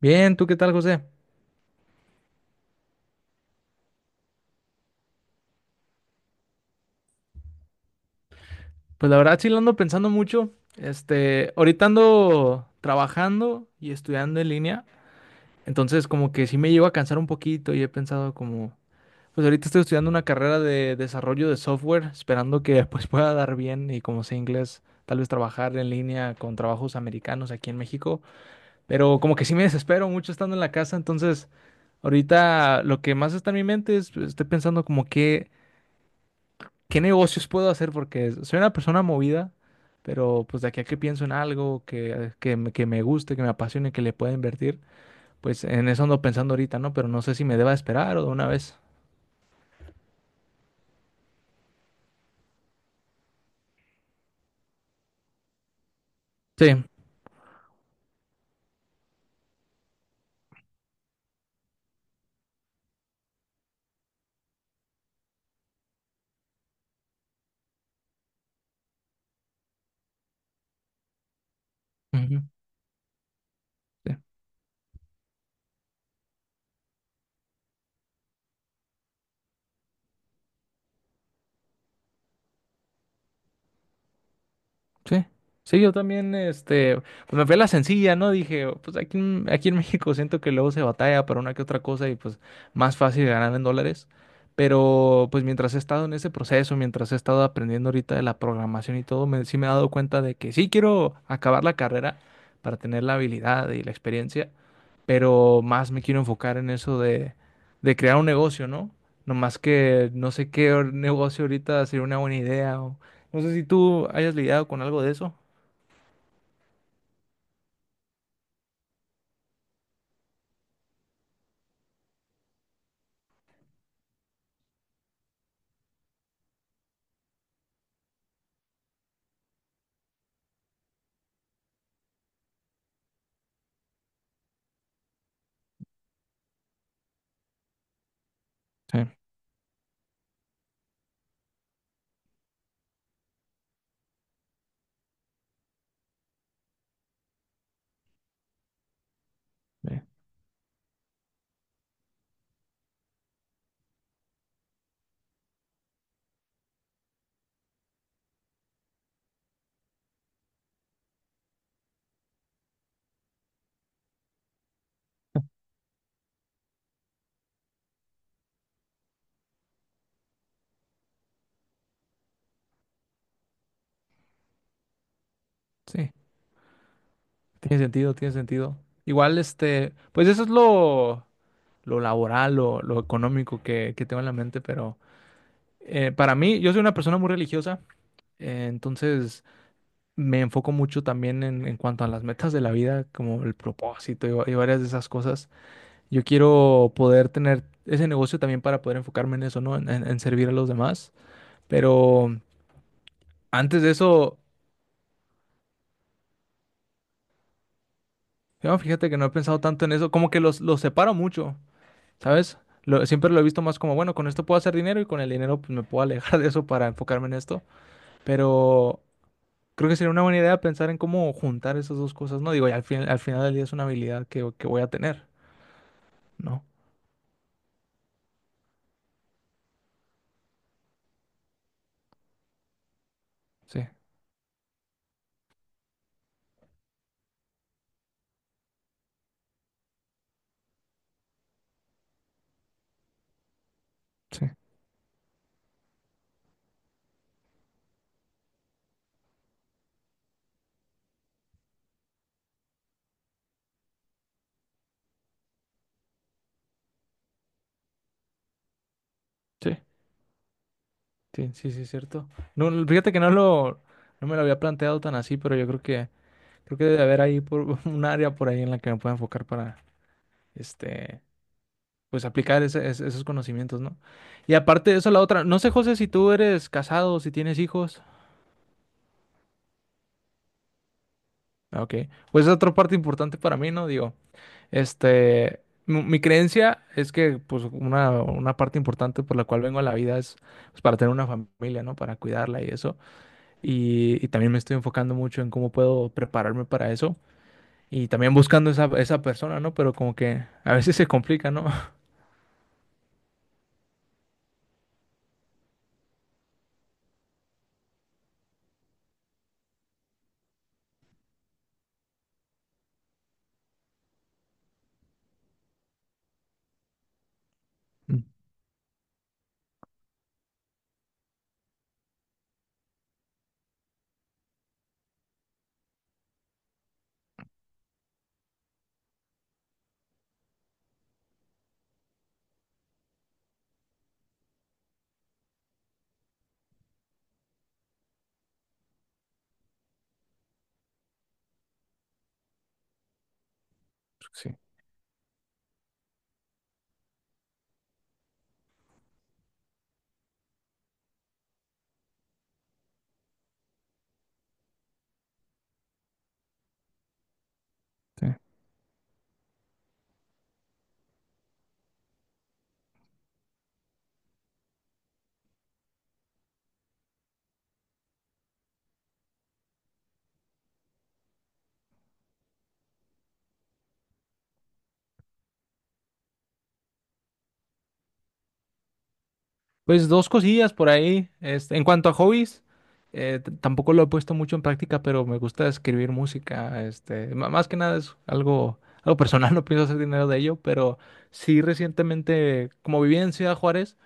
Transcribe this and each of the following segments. Bien, ¿tú qué tal, José? Pues la verdad sí lo ando pensando mucho. Ahorita ando trabajando y estudiando en línea, entonces como que sí me llevo a cansar un poquito y he pensado pues ahorita estoy estudiando una carrera de desarrollo de software, esperando que pues pueda dar bien y como sé inglés, tal vez trabajar en línea con trabajos americanos aquí en México, pero como que sí me desespero mucho estando en la casa, entonces ahorita lo que más está en mi mente es, pues, estoy pensando como que... ¿qué negocios puedo hacer? Porque soy una persona movida, pero pues de aquí a que pienso en algo que me guste, que me apasione, que le pueda invertir, pues en eso ando pensando ahorita, ¿no? Pero no sé si me deba esperar o de una vez. Sí, ujú. Sí, sí, yo también, pues me fui a la sencilla, ¿no? Dije, pues aquí en México siento que luego se batalla para una que otra cosa y pues más fácil ganar en dólares. Pero pues mientras he estado en ese proceso, mientras he estado aprendiendo ahorita de la programación y todo, sí me he dado cuenta de que sí quiero acabar la carrera para tener la habilidad y la experiencia, pero más me quiero enfocar en eso de crear un negocio, ¿no? Nomás que no sé negocio ahorita sería una buena idea. No sé si tú hayas lidiado con algo de eso. Sí, sí. Sí, tiene sentido, tiene sentido. Igual, pues eso es lo laboral, lo económico que tengo en la mente, pero para mí, yo soy una persona muy religiosa, entonces me enfoco mucho también en cuanto a las metas de la vida, como el propósito y varias de esas cosas. Yo quiero poder tener ese negocio también para poder enfocarme en eso, ¿no? En servir a los demás. Pero antes de eso, yo, fíjate que no he pensado tanto en eso, como que los separo mucho, ¿sabes? Siempre lo he visto más como, bueno, con esto puedo hacer dinero y con el dinero pues, me puedo alejar de eso para enfocarme en esto. Pero creo que sería una buena idea pensar en cómo juntar esas dos cosas, ¿no? Digo, y al final del día es una habilidad que voy a tener, ¿no? Sí, sí. Sí. Sí, sí, sí, es cierto. No, no, fíjate que no me lo había planteado tan así, pero yo creo que debe haber ahí por, un área por ahí en la que me pueda enfocar para, este, pues aplicar esos conocimientos, ¿no? Y aparte de eso, la otra, no sé, José, si tú eres casado, si tienes hijos. Ah, ok, pues es otra parte importante para mí, ¿no? Digo, mi creencia es que, pues, una parte importante por la cual vengo a la vida es, pues, para tener una familia, ¿no? Para cuidarla y eso. Y y, también me estoy enfocando mucho en cómo puedo prepararme para eso y también buscando esa persona, ¿no? Pero como que a veces se complica, ¿no? Mm. Sí, sí. Pues dos cosillas por ahí. Este, en cuanto a hobbies, tampoco lo he puesto mucho en práctica, pero me gusta escribir música. Más que nada es algo, algo personal, no pienso hacer dinero de ello, pero sí recientemente, como vivía en Ciudad Juárez,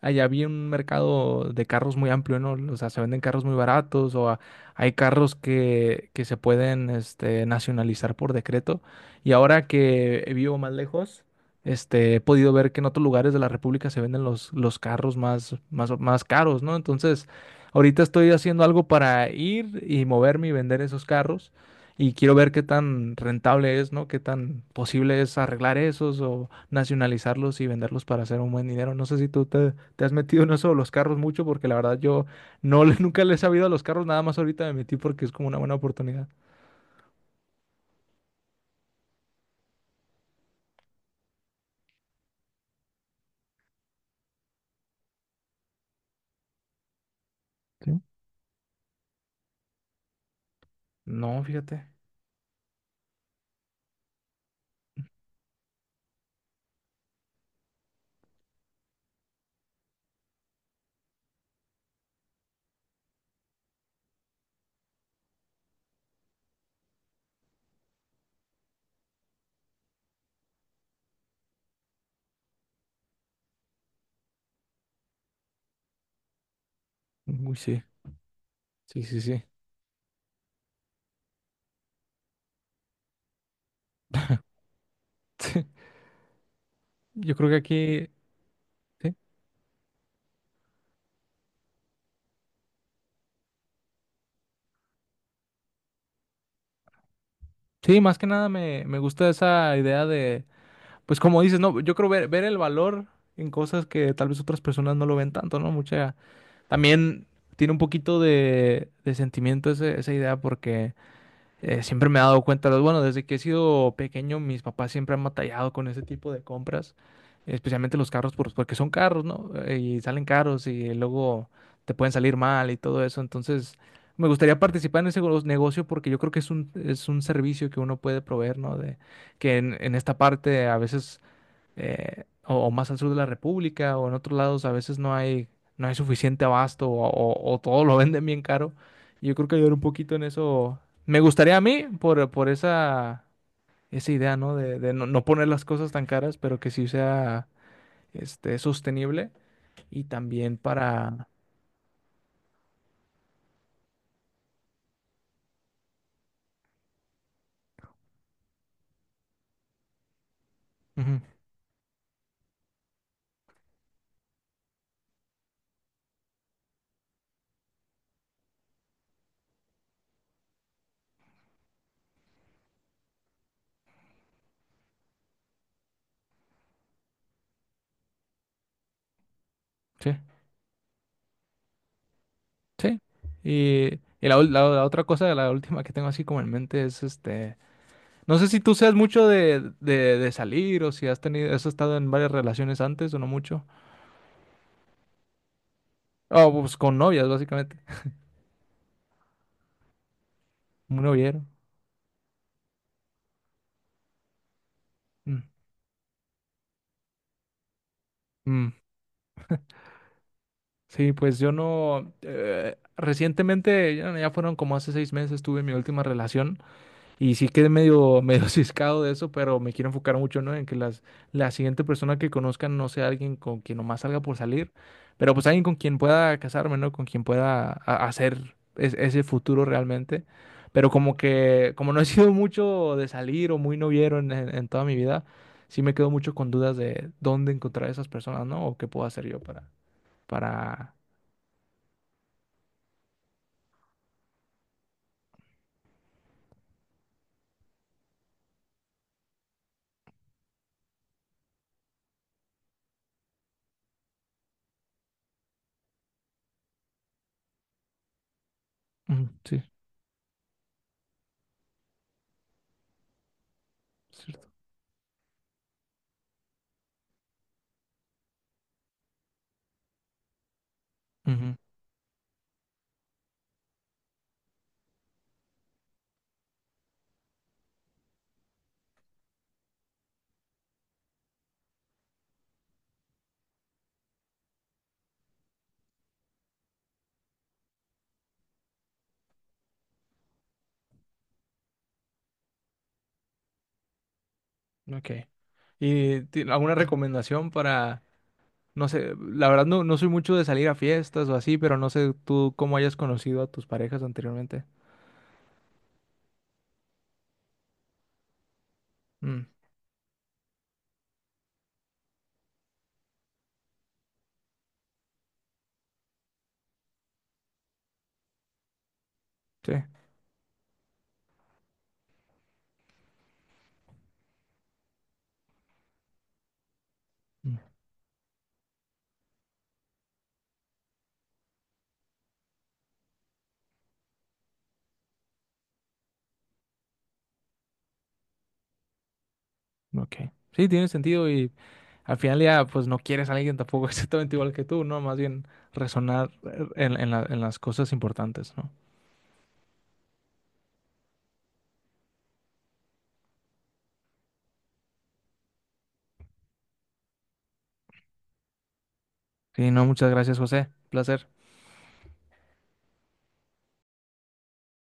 allá había un mercado de carros muy amplio, ¿no? O sea, se venden carros muy baratos hay carros que se pueden, nacionalizar por decreto. Y ahora que vivo más lejos. Este, he podido ver que en otros lugares de la República se venden los carros más caros, ¿no? Entonces, ahorita estoy haciendo algo para ir y moverme y vender esos carros. Y quiero ver qué tan rentable es, ¿no? Qué tan posible es arreglar esos o nacionalizarlos y venderlos para hacer un buen dinero. No sé si tú te has metido en eso de los carros mucho, porque la verdad yo nunca le he sabido a los carros, nada más ahorita me metí porque es como una buena oportunidad. ¿Sí? No, fíjate. Uy, sí. Sí, sí, sí. Yo creo que aquí. ¿Sí? Sí, más que nada me gusta esa idea de, pues como dices, no, yo creo ver el valor en cosas que tal vez otras personas no lo ven tanto, ¿no? Mucha, también tiene un poquito de sentimiento esa idea porque siempre me he dado cuenta, bueno, desde que he sido pequeño, mis papás siempre han batallado con ese tipo de compras, especialmente los carros, porque son carros, ¿no? Y salen caros y luego te pueden salir mal y todo eso. Entonces, me gustaría participar en ese negocio porque yo creo que es un servicio que uno puede proveer, ¿no? De, que en esta parte a veces o más al sur de la República o en otros lados a veces no hay suficiente abasto o todo lo venden bien caro. Yo creo que ayudar un poquito en eso me gustaría a mí por esa idea, ¿no? De no, no poner las cosas tan caras, pero que sí sea sostenible y también para... Ujú. Sí, sí. La otra cosa, la última que tengo así como en mente es este... No sé si tú seas mucho de salir o si has tenido, has estado en varias relaciones antes o no mucho. Oh, pues con novias, básicamente. Un noviero. Mm, mm. Sí, pues yo no. Recientemente, ya fueron como hace 6 meses, tuve mi última relación. Y sí quedé medio ciscado de eso, pero me quiero enfocar mucho, ¿no? En que la siguiente persona que conozcan no sea alguien con quien nomás salga por salir, pero pues alguien con quien pueda casarme, ¿no? Con quien pueda hacer ese futuro realmente. Pero como que, como no he sido mucho de salir o muy noviero en toda mi vida, sí me quedo mucho con dudas de dónde encontrar a esas personas, ¿no? O qué puedo hacer yo para... Ujú, sí, es cierto. Ujú, ok. ¿Y alguna recomendación para... No sé, la verdad no, no soy mucho de salir a fiestas o así, pero no sé tú cómo hayas conocido a tus parejas anteriormente. Mm, sí. Mm, ok. Sí, tiene sentido y al final ya pues no quieres a alguien tampoco exactamente igual que tú, ¿no? Más bien resonar en en las cosas importantes, ¿no? Sí, no, muchas gracias, José. Placer.